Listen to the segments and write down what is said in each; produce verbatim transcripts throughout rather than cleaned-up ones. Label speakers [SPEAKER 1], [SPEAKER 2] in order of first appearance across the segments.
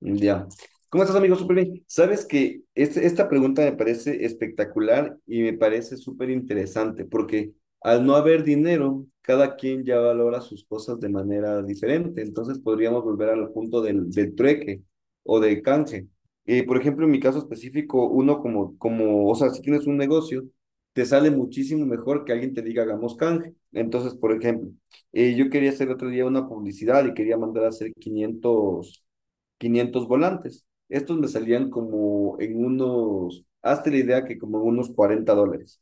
[SPEAKER 1] Ya. ¿Cómo estás, amigo? Súper bien. Sabes que este- esta pregunta me parece espectacular y me parece súper interesante porque al no haber dinero, cada quien ya valora sus cosas de manera diferente. Entonces podríamos volver al punto del, del trueque o del canje. Eh, por ejemplo, en mi caso específico, uno como, como, o sea, si tienes un negocio, te sale muchísimo mejor que alguien te diga hagamos canje. Entonces, por ejemplo, eh, yo quería hacer otro día una publicidad y quería mandar a hacer quinientos quinientos volantes. Estos me salían como en unos, hazte la idea que como en unos cuarenta dólares.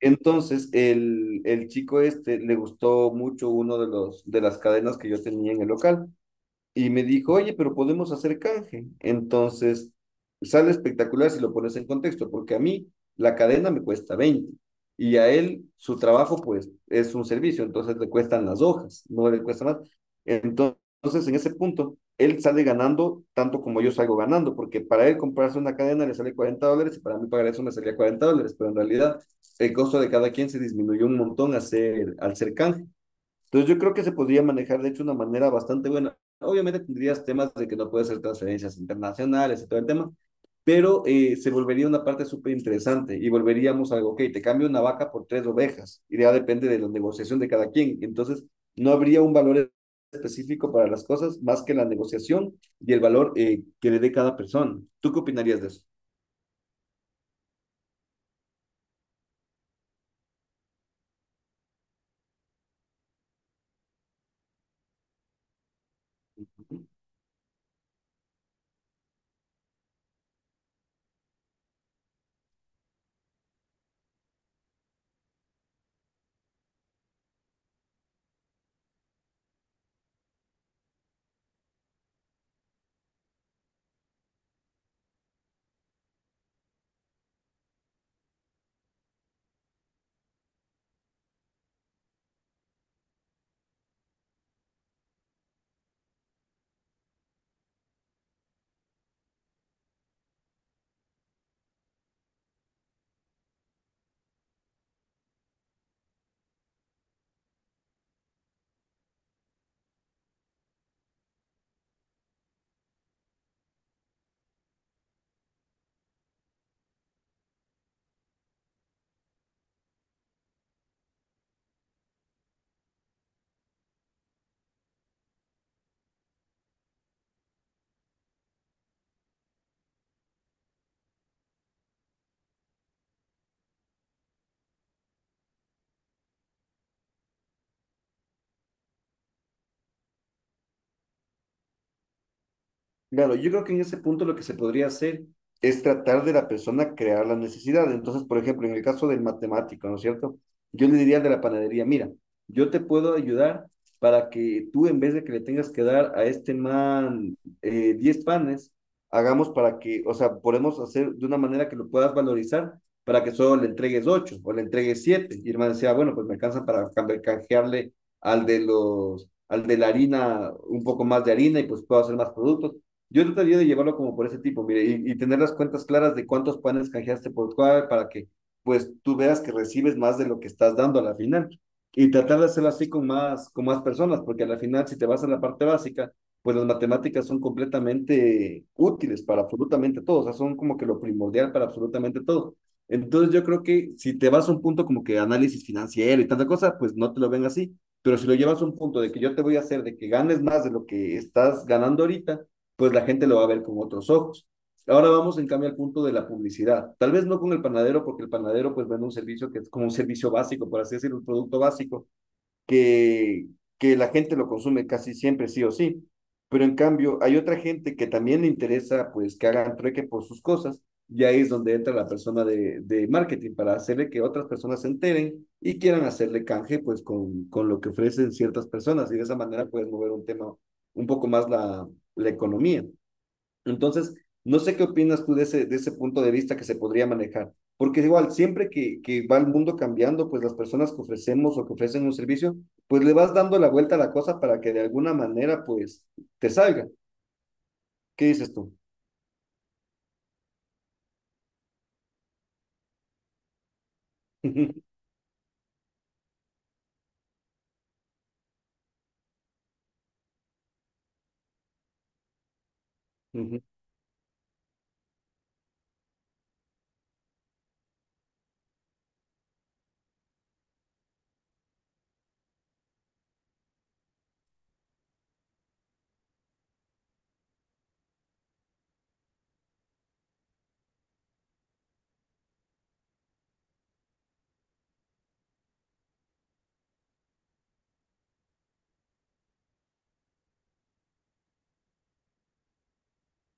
[SPEAKER 1] Entonces, el, el chico este le gustó mucho uno de los de las cadenas que yo tenía en el local y me dijo, oye, pero podemos hacer canje. Entonces, sale espectacular si lo pones en contexto, porque a mí la cadena me cuesta veinte y a él su trabajo pues es un servicio, entonces le cuestan las hojas, no le cuesta más. Entonces, en ese punto, él sale ganando tanto como yo salgo ganando, porque para él comprarse una cadena le sale cuarenta dólares y para mí pagar eso me salía cuarenta dólares, pero en realidad el costo de cada quien se disminuyó un montón al ser, al ser canje. Entonces yo creo que se podría manejar de hecho de una manera bastante buena. Obviamente tendrías temas de que no puedes hacer transferencias internacionales y todo el tema, pero eh, se volvería una parte súper interesante y volveríamos a algo, ok, te cambio una vaca por tres ovejas y ya depende de la negociación de cada quien. Entonces no habría un valor específico para las cosas más que la negociación y el valor eh, que le dé cada persona. ¿Tú qué opinarías de eso? Claro, yo creo que en ese punto lo que se podría hacer es tratar de la persona crear la necesidad. Entonces, por ejemplo, en el caso del matemático, ¿no es cierto? Yo le diría al de la panadería, mira, yo te puedo ayudar para que tú en vez de que le tengas que dar a este man eh, diez panes, hagamos para que, o sea, podemos hacer de una manera que lo puedas valorizar para que solo le entregues ocho o le entregues siete. Y el man decía, bueno, pues me alcanza para cambi- canjearle al de los, al de la harina un poco más de harina y pues puedo hacer más productos. Yo trataría de llevarlo como por ese tipo, mire, y, y tener las cuentas claras de cuántos panes canjeaste por cuál, para que pues tú veas que recibes más de lo que estás dando a la final. Y tratar de hacerlo así con más, con más personas, porque a la final si te vas a la parte básica, pues las matemáticas son completamente útiles para absolutamente todo, o sea, son como que lo primordial para absolutamente todo. Entonces yo creo que si te vas a un punto como que análisis financiero y tanta cosa, pues no te lo ven así, pero si lo llevas a un punto de que yo te voy a hacer de que ganes más de lo que estás ganando ahorita, pues la gente lo va a ver con otros ojos. Ahora vamos en cambio al punto de la publicidad. Tal vez no con el panadero, porque el panadero pues vende un servicio que es como un servicio básico, por así decirlo, un producto básico, que, que la gente lo consume casi siempre, sí o sí. Pero en cambio hay otra gente que también le interesa pues que hagan trueque por sus cosas y ahí es donde entra la persona de, de marketing para hacerle que otras personas se enteren y quieran hacerle canje pues con, con lo que ofrecen ciertas personas y de esa manera puedes mover un tema un poco más la, la economía. Entonces, no sé qué opinas tú de ese, de ese punto de vista que se podría manejar, porque igual, siempre que, que va el mundo cambiando, pues las personas que ofrecemos o que ofrecen un servicio, pues le vas dando la vuelta a la cosa para que de alguna manera, pues, te salga. ¿Qué dices tú? Ujú,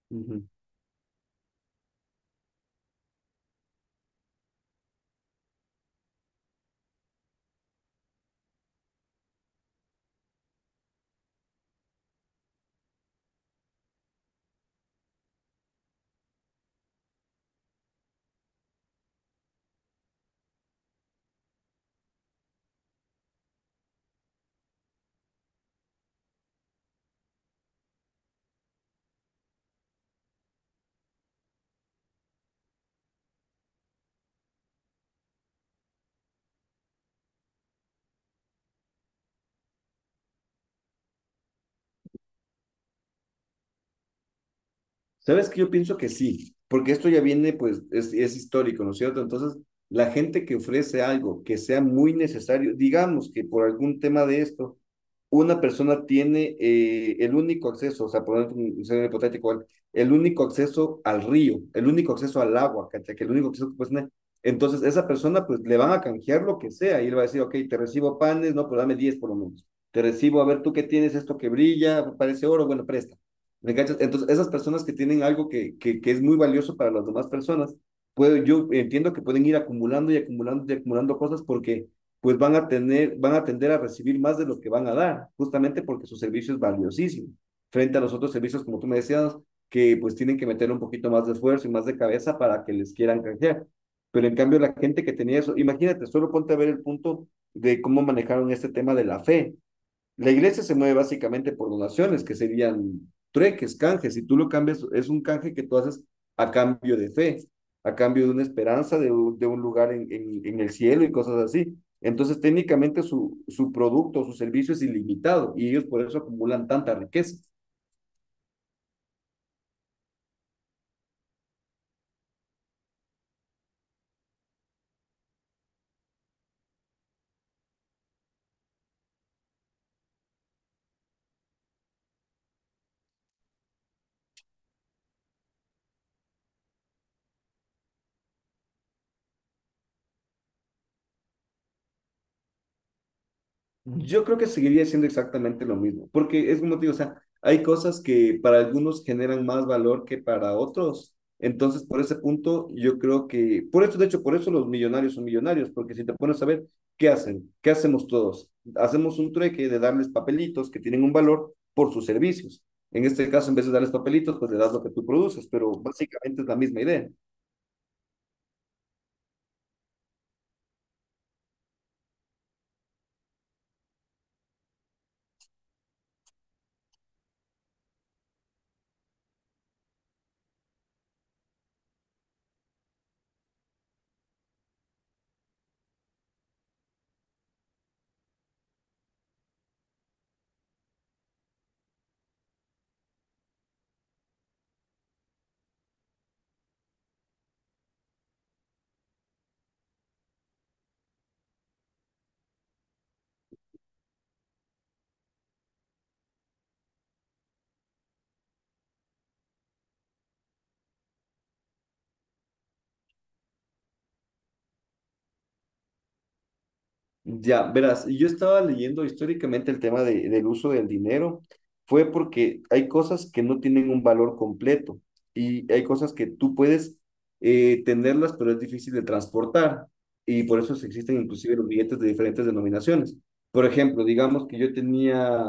[SPEAKER 1] ujú. Sabes que yo pienso que sí, porque esto ya viene, pues, es, es histórico, ¿no es cierto? Entonces, la gente que ofrece algo que sea muy necesario, digamos que por algún tema de esto, una persona tiene eh, el único acceso, o sea, por un escenario hipotético, ¿vale? el, único acceso al río, el único acceso al agua, ¿cachai? Que el único acceso que puedes tener. Entonces, esa persona, pues, le van a canjear lo que sea, y él va a decir, ok, te recibo panes, no, pues dame diez por lo menos. Te recibo, a ver, tú qué tienes, esto que brilla, parece oro, bueno, presta. ¿Me cachas? Entonces, esas personas que tienen algo que, que, que es muy valioso para las demás personas, puedo, yo entiendo que pueden ir acumulando y acumulando y acumulando cosas porque pues van a tener, van a tender a recibir más de lo que van a dar, justamente porque su servicio es valiosísimo, frente a los otros servicios, como tú me decías, que pues tienen que meter un poquito más de esfuerzo y más de cabeza para que les quieran canjear. Pero en cambio la gente que tenía eso, imagínate, solo ponte a ver el punto de cómo manejaron este tema de la fe, la iglesia se mueve básicamente por donaciones, que serían trueques, canjes. Si tú lo cambias, es un canje que tú haces a cambio de fe, a cambio de una esperanza, de, un, de un lugar en, en, en, el cielo y cosas así. Entonces, técnicamente su, su producto, su servicio es ilimitado y ellos por eso acumulan tanta riqueza. Yo creo que seguiría siendo exactamente lo mismo, porque es como te digo, o sea, hay cosas que para algunos generan más valor que para otros. Entonces, por ese punto, yo creo que, por eso, de hecho, por eso los millonarios son millonarios, porque si te pones a ver, ¿qué hacen? ¿Qué hacemos todos? Hacemos un trueque de darles papelitos que tienen un valor por sus servicios. En este caso, en vez de darles papelitos, pues le das lo que tú produces, pero básicamente es la misma idea. Ya, verás, yo estaba leyendo históricamente el tema de- del uso del dinero, fue porque hay cosas que no tienen un valor completo y hay cosas que tú puedes eh, tenerlas, pero es difícil de transportar y por eso se existen inclusive los billetes de diferentes denominaciones. Por ejemplo, digamos que yo tenía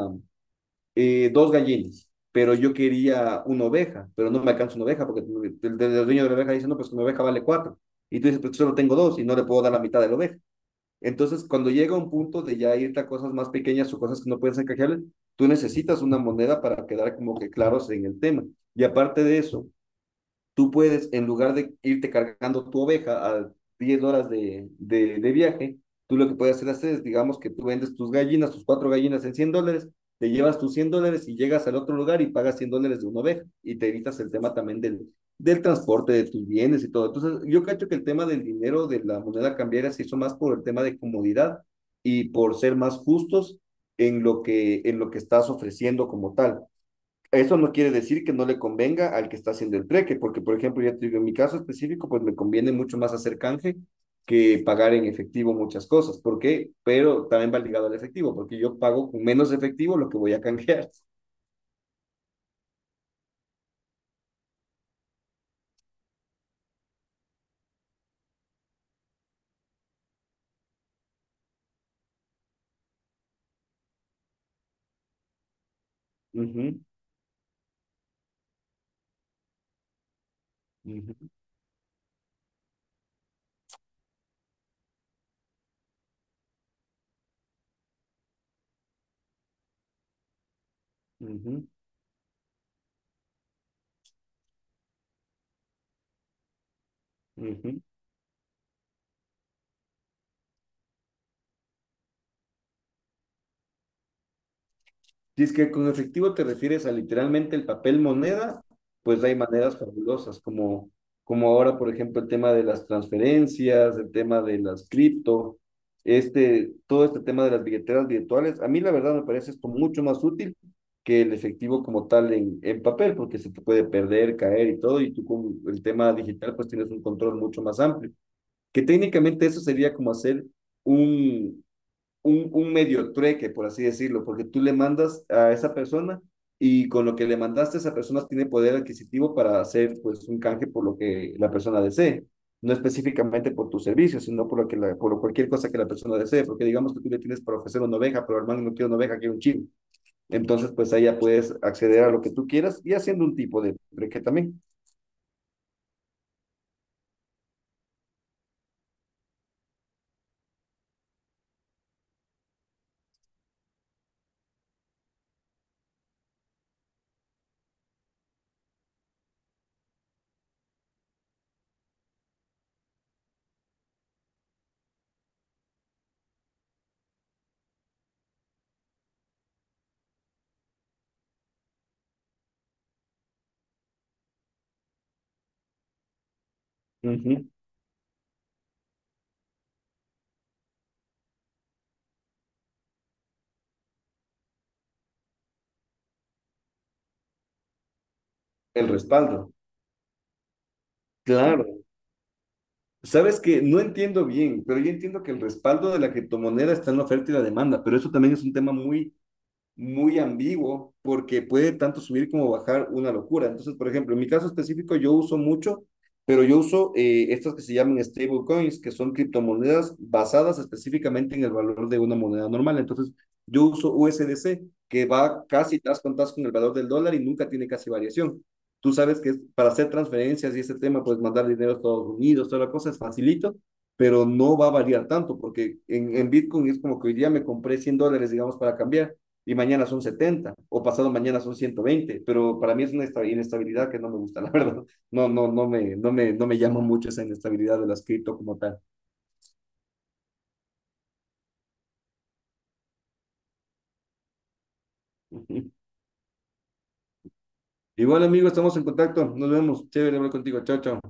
[SPEAKER 1] eh, dos gallinas, pero yo quería una oveja, pero no me alcanza una oveja porque el, el- el dueño de la oveja dice, no, pues una oveja vale cuatro. Y tú dices, pues solo tengo dos y no le puedo dar la mitad de la oveja. Entonces, cuando llega un punto de ya irte a cosas más pequeñas o cosas que no pueden ser canjeables, tú necesitas una moneda para quedar como que claros en el tema. Y aparte de eso, tú puedes, en lugar de irte cargando tu oveja a diez horas de, de, de viaje, tú lo que puedes hacer, es, digamos, que tú vendes tus gallinas, tus cuatro gallinas en cien dólares, te llevas tus cien dólares y llegas al otro lugar y pagas cien dólares de una oveja y te evitas el tema también del, del transporte, de tus bienes y todo. Entonces, yo cacho que el tema del dinero, de la moneda cambiaria, se hizo más por el tema de comodidad y por ser más justos en lo que, en lo que estás ofreciendo como tal. Eso no quiere decir que no le convenga al que está haciendo el trueque, porque, por ejemplo, ya te digo, en mi caso específico, pues me conviene mucho más hacer canje que pagar en efectivo muchas cosas. ¿Por qué? Pero también va ligado al efectivo, porque yo pago con menos efectivo lo que voy a canjear. Ujú, ujú, ujú, ujú. Dice que con efectivo te refieres a literalmente el papel moneda, pues hay maneras fabulosas, como, como ahora, por ejemplo, el tema de las transferencias, el tema de las cripto, este, todo este tema de las billeteras virtuales. A mí la verdad me parece esto mucho más útil que el efectivo como tal en, en papel, porque se te puede perder, caer y todo, y tú con el tema digital pues tienes un control mucho más amplio, que técnicamente eso sería como hacer un, un, un medio trueque, por así decirlo, porque tú le mandas a esa persona y con lo que le mandaste, esa persona tiene poder adquisitivo para hacer pues un canje por lo que la persona desee, no específicamente por tu servicio, sino por, lo que la, por cualquier cosa que la persona desee, porque digamos que tú le tienes para ofrecer una oveja, pero hermano no quiero una oveja, quiero un chivo. Entonces, pues ahí ya puedes acceder a lo que tú quieras y haciendo un tipo de trueque también. Uh -huh. El respaldo. Claro, sabes que no entiendo bien, pero yo entiendo que el respaldo de la criptomoneda está en la oferta y la demanda, pero eso también es un tema muy muy ambiguo porque puede tanto subir como bajar una locura. Entonces, por ejemplo, en mi caso específico yo uso mucho, pero yo uso eh, estas que se llaman stablecoins, que son criptomonedas basadas específicamente en el valor de una moneda normal. Entonces, yo uso U S D C, que va casi tas con tas con el valor del dólar y nunca tiene casi variación. Tú sabes que para hacer transferencias y ese tema, pues mandar dinero a Estados Unidos, toda la cosa es facilito, pero no va a variar tanto, porque en, en Bitcoin es como que hoy día me compré cien dólares, digamos, para cambiar, y mañana son setenta o pasado mañana son ciento veinte, pero para mí es una inestabilidad que no me gusta, la verdad. No, no, no me, no me, no me llama mucho esa inestabilidad de las cripto como tal. Igual, bueno, amigo, estamos en contacto. Nos vemos. Chévere hablar contigo. Chao, chao.